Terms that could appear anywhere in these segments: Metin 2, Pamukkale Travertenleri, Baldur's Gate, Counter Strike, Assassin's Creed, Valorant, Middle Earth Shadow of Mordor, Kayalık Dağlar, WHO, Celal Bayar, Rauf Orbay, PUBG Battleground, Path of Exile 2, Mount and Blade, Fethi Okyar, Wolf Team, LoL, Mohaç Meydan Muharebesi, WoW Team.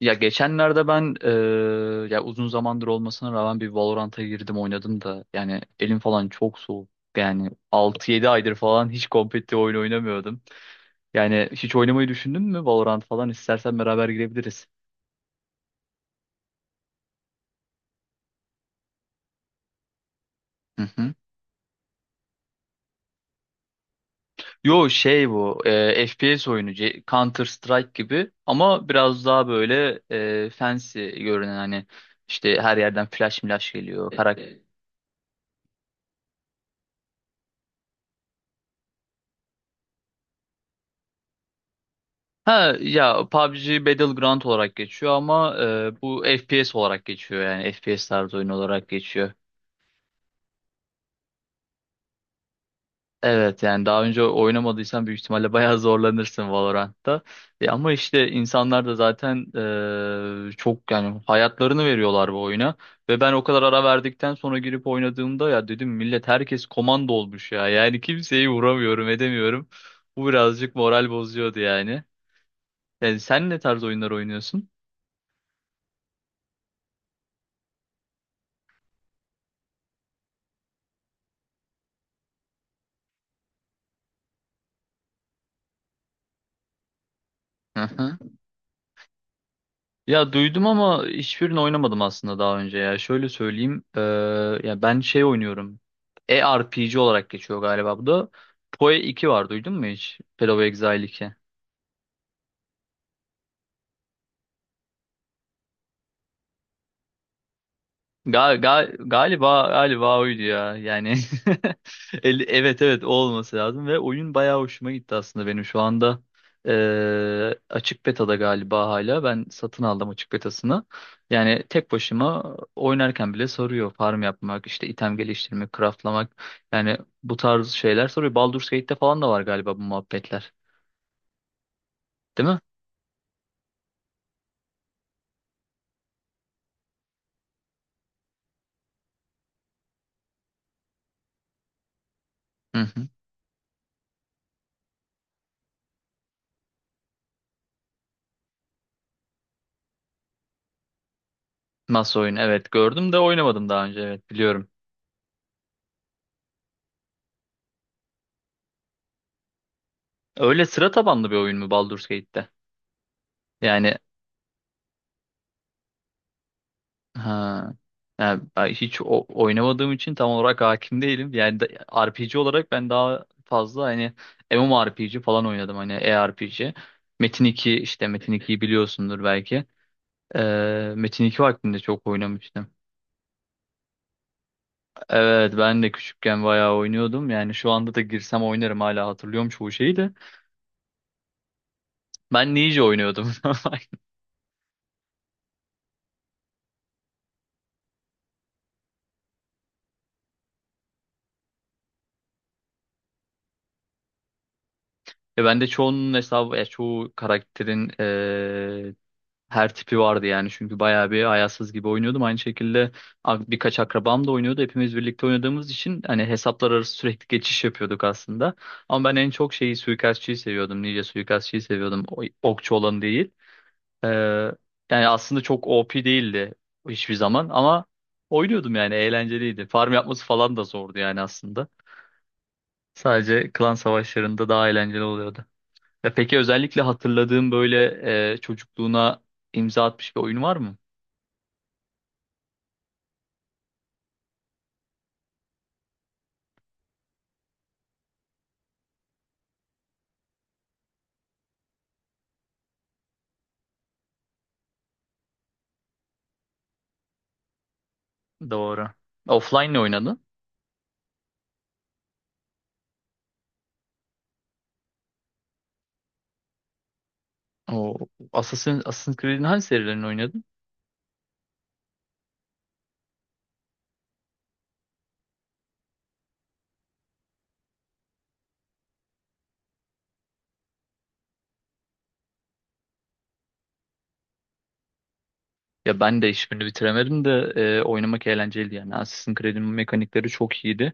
Ya geçenlerde ben ya uzun zamandır olmasına rağmen bir Valorant'a girdim oynadım da yani elim falan çok soğuk. Yani 6 7 aydır falan hiç kompetitif oyun oynamıyordum. Yani hiç oynamayı düşündün mü Valorant falan istersen beraber girebiliriz. Hı hı. Yo şey bu FPS oyunu Counter Strike gibi ama biraz daha böyle fancy görünen hani işte her yerden flash milash geliyor. Ha ya PUBG Battleground olarak geçiyor ama bu FPS olarak geçiyor yani FPS tarzı oyun olarak geçiyor. Evet yani daha önce oynamadıysan büyük ihtimalle bayağı zorlanırsın Valorant'ta. Ama işte insanlar da zaten çok yani hayatlarını veriyorlar bu oyuna. Ve ben o kadar ara verdikten sonra girip oynadığımda ya dedim millet herkes komando olmuş ya. Yani kimseyi vuramıyorum edemiyorum. Bu birazcık moral bozuyordu yani. Yani sen ne tarz oyunlar oynuyorsun? Ya duydum ama hiçbirini oynamadım aslında daha önce ya. Şöyle söyleyeyim. Ya ben şey oynuyorum. RPG R P G olarak geçiyor galiba bu da. PoE 2 var duydun mu hiç? Path of Exile 2. Galiba galiba oydu ya. Yani evet evet o olması lazım ve oyun bayağı hoşuma gitti aslında benim şu anda açık betada galiba hala ben satın aldım açık betasını. Yani tek başıma oynarken bile soruyor farm yapmak, işte item geliştirmek, craftlamak. Yani bu tarz şeyler soruyor. Baldur's Gate'te falan da var galiba bu muhabbetler. Değil mi? Hı hı. Masa oyunu evet gördüm de oynamadım daha önce evet biliyorum. Öyle sıra tabanlı bir oyun mu Baldur's Gate'te? Yani. Ha. Yani ben hiç oynamadığım için tam olarak hakim değilim. Yani RPG olarak ben daha fazla hani MMORPG falan oynadım hani ERPG. Metin 2 işte Metin 2'yi biliyorsundur belki. Metin 2 vaktinde çok oynamıştım. Evet ben de küçükken bayağı oynuyordum. Yani şu anda da girsem oynarım hala hatırlıyorum çoğu şeyi de. Ben Ninja oynuyordum. E ben de çoğunun hesabı, ya çoğu karakterin her tipi vardı yani çünkü bayağı bir ayarsız gibi oynuyordum. Aynı şekilde birkaç akrabam da oynuyordu. Hepimiz birlikte oynadığımız için hani hesaplar arası sürekli geçiş yapıyorduk aslında. Ama ben en çok şeyi suikastçıyı seviyordum. Ninja suikastçıyı seviyordum. Okçu olan değil. Ee, yani aslında çok OP değildi hiçbir zaman ama oynuyordum yani eğlenceliydi. Farm yapması falan da zordu yani aslında. Sadece klan savaşlarında daha eğlenceli oluyordu. Ya peki özellikle hatırladığım böyle çocukluğuna imza atmış bir oyun var mı? Doğru. Offline ne oynadın? O Assassin's Creed'in hangi serilerini oynadın? Ya ben de hiçbirini bitiremedim de oynamak eğlenceliydi yani. Assassin's Creed'in mekanikleri çok iyiydi.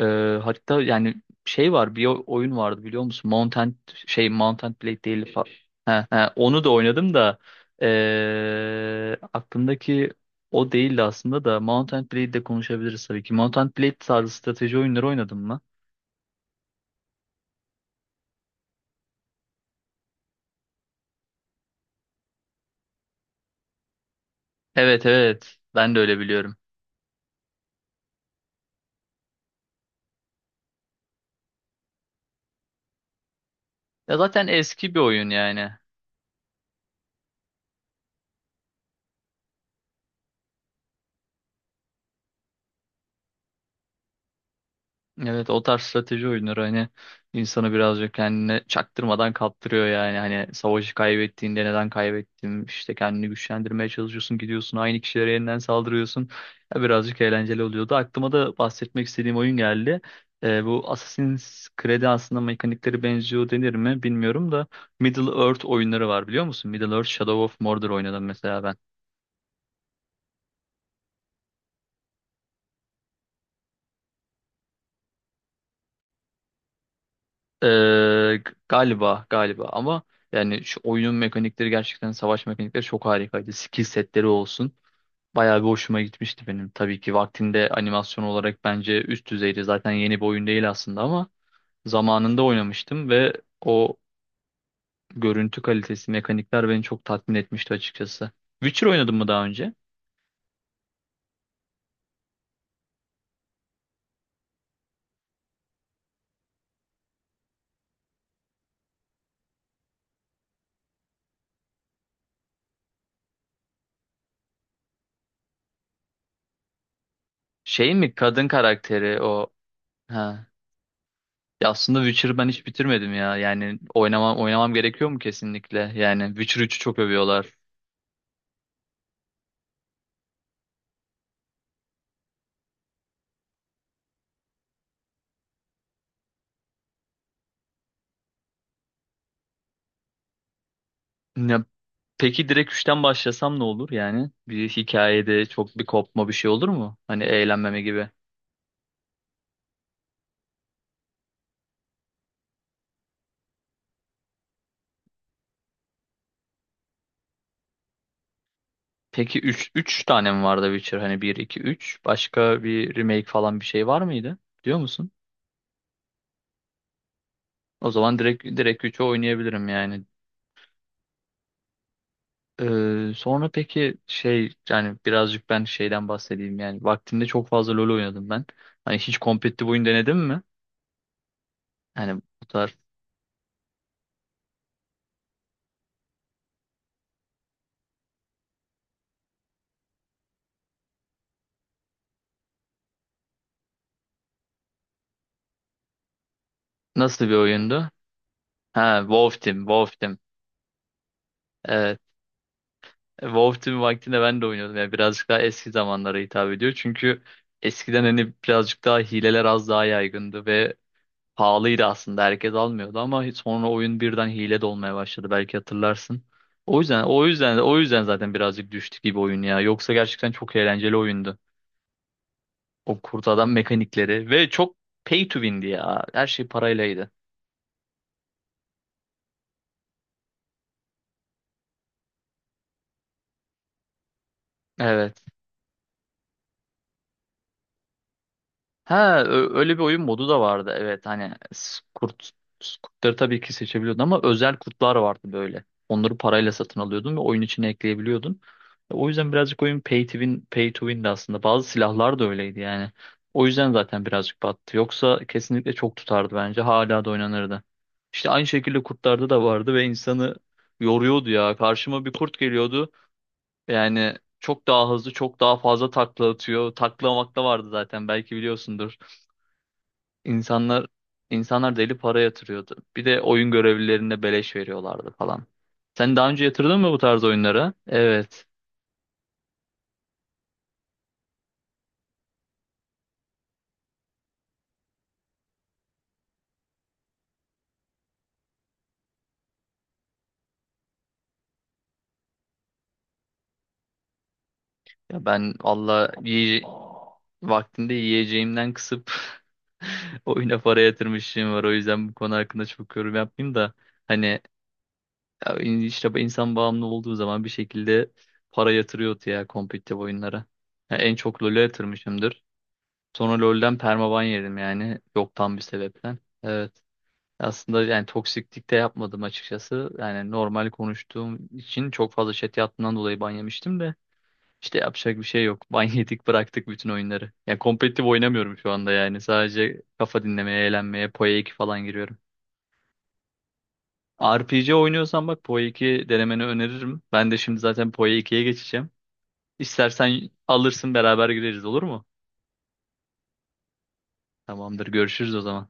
E, hatta yani şey var bir oyun vardı biliyor musun? Şey Mount and Blade değil. He, he, onu da oynadım da aklımdaki o değildi aslında da Mount and Blade'de konuşabiliriz tabii ki. Mount and Blade tarzı strateji oyunları oynadın mı? Evet evet ben de öyle biliyorum. Ya zaten eski bir oyun yani. Evet o tarz strateji oyunları hani insanı birazcık kendine çaktırmadan kaptırıyor yani. Hani savaşı kaybettiğinde neden kaybettim işte kendini güçlendirmeye çalışıyorsun gidiyorsun aynı kişilere yeniden saldırıyorsun. Ya birazcık eğlenceli oluyordu. Aklıma da bahsetmek istediğim oyun geldi. Bu Assassin's Creed'e aslında mekanikleri benziyor denir mi bilmiyorum da Middle Earth oyunları var biliyor musun? Middle Earth Shadow of Mordor oynadım mesela ben. Ee, galiba galiba ama yani şu oyunun mekanikleri gerçekten savaş mekanikleri çok harikaydı. Skill setleri olsun. Bayağı bir hoşuma gitmişti benim. Tabii ki vaktinde animasyon olarak bence üst düzeydi. Zaten yeni bir oyun değil aslında ama zamanında oynamıştım ve o görüntü kalitesi, mekanikler beni çok tatmin etmişti açıkçası. Witcher oynadım mı daha önce? Şey mi kadın karakteri o? Ha. Ya aslında Witcher'ı ben hiç bitirmedim ya. Yani oynamam gerekiyor mu kesinlikle? Yani Witcher 3'ü çok övüyorlar. Ya, peki direkt 3'ten başlasam ne olur yani? Bir hikayede çok bir kopma bir şey olur mu? Hani eğlenmeme gibi. Peki üç tane mi vardı Witcher? Hani bir 2 3 başka bir remake falan bir şey var mıydı? Diyor musun? O zaman direkt 3'ü oynayabilirim yani. Sonra peki şey yani birazcık ben şeyden bahsedeyim yani vaktinde çok fazla LoL oynadım ben. Hani hiç kompetitif oyun denedin mi? Yani bu tarz nasıl bir oyundu? Ha, Wolf Team, Wolf Team. Ee, WoW Team vaktinde ben de oynuyordum. Yani birazcık daha eski zamanlara hitap ediyor. Çünkü eskiden hani birazcık daha hileler az daha yaygındı ve pahalıydı aslında. Herkes almıyordu ama hiç sonra oyun birden hile de olmaya başladı. Belki hatırlarsın. O yüzden zaten birazcık düştü gibi oyun ya. Yoksa gerçekten çok eğlenceli oyundu. O kurt adam mekanikleri ve çok pay to win'di ya. Her şey paraylaydı. Evet. Ha, öyle bir oyun modu da vardı. Evet hani kurtları tabii ki seçebiliyordun ama özel kurtlar vardı böyle. Onları parayla satın alıyordun ve oyun içine ekleyebiliyordun. O yüzden birazcık oyun pay to win'di aslında. Bazı silahlar da öyleydi yani. O yüzden zaten birazcık battı. Yoksa kesinlikle çok tutardı bence. Hala da oynanırdı. İşte aynı şekilde kurtlarda da vardı ve insanı yoruyordu ya. Karşıma bir kurt geliyordu. Yani çok daha hızlı, çok daha fazla takla atıyor. Takla makla vardı zaten belki biliyorsundur. İnsanlar insanlar deli para yatırıyordu. Bir de oyun görevlilerine beleş veriyorlardı falan. Sen daha önce yatırdın mı bu tarz oyunlara? Evet. Ya ben valla vaktinde yiyeceğimden kısıp oyuna para yatırmışım var. O yüzden bu konu hakkında çok yorum yapmayayım da hani ya işte insan bağımlı olduğu zaman bir şekilde para yatırıyordu ya kompetitif oyunlara. Ya en çok LoL'e yatırmışımdır. Sonra LoL'den permaban yedim yani yoktan bir sebepten. Evet. Aslında yani toksiklik de yapmadım açıkçası. Yani normal konuştuğum için çok fazla chat yaptığından dolayı ban yemiştim de. İşte yapacak bir şey yok. Ban yedik bıraktık bütün oyunları. Yani kompetitif oynamıyorum şu anda yani. Sadece kafa dinlemeye, eğlenmeye, PoE 2 falan giriyorum. RPG oynuyorsan bak PoE 2 denemeni öneririm. Ben de şimdi zaten PoE 2'ye geçeceğim. İstersen alırsın beraber gireriz olur mu? Tamamdır görüşürüz o zaman.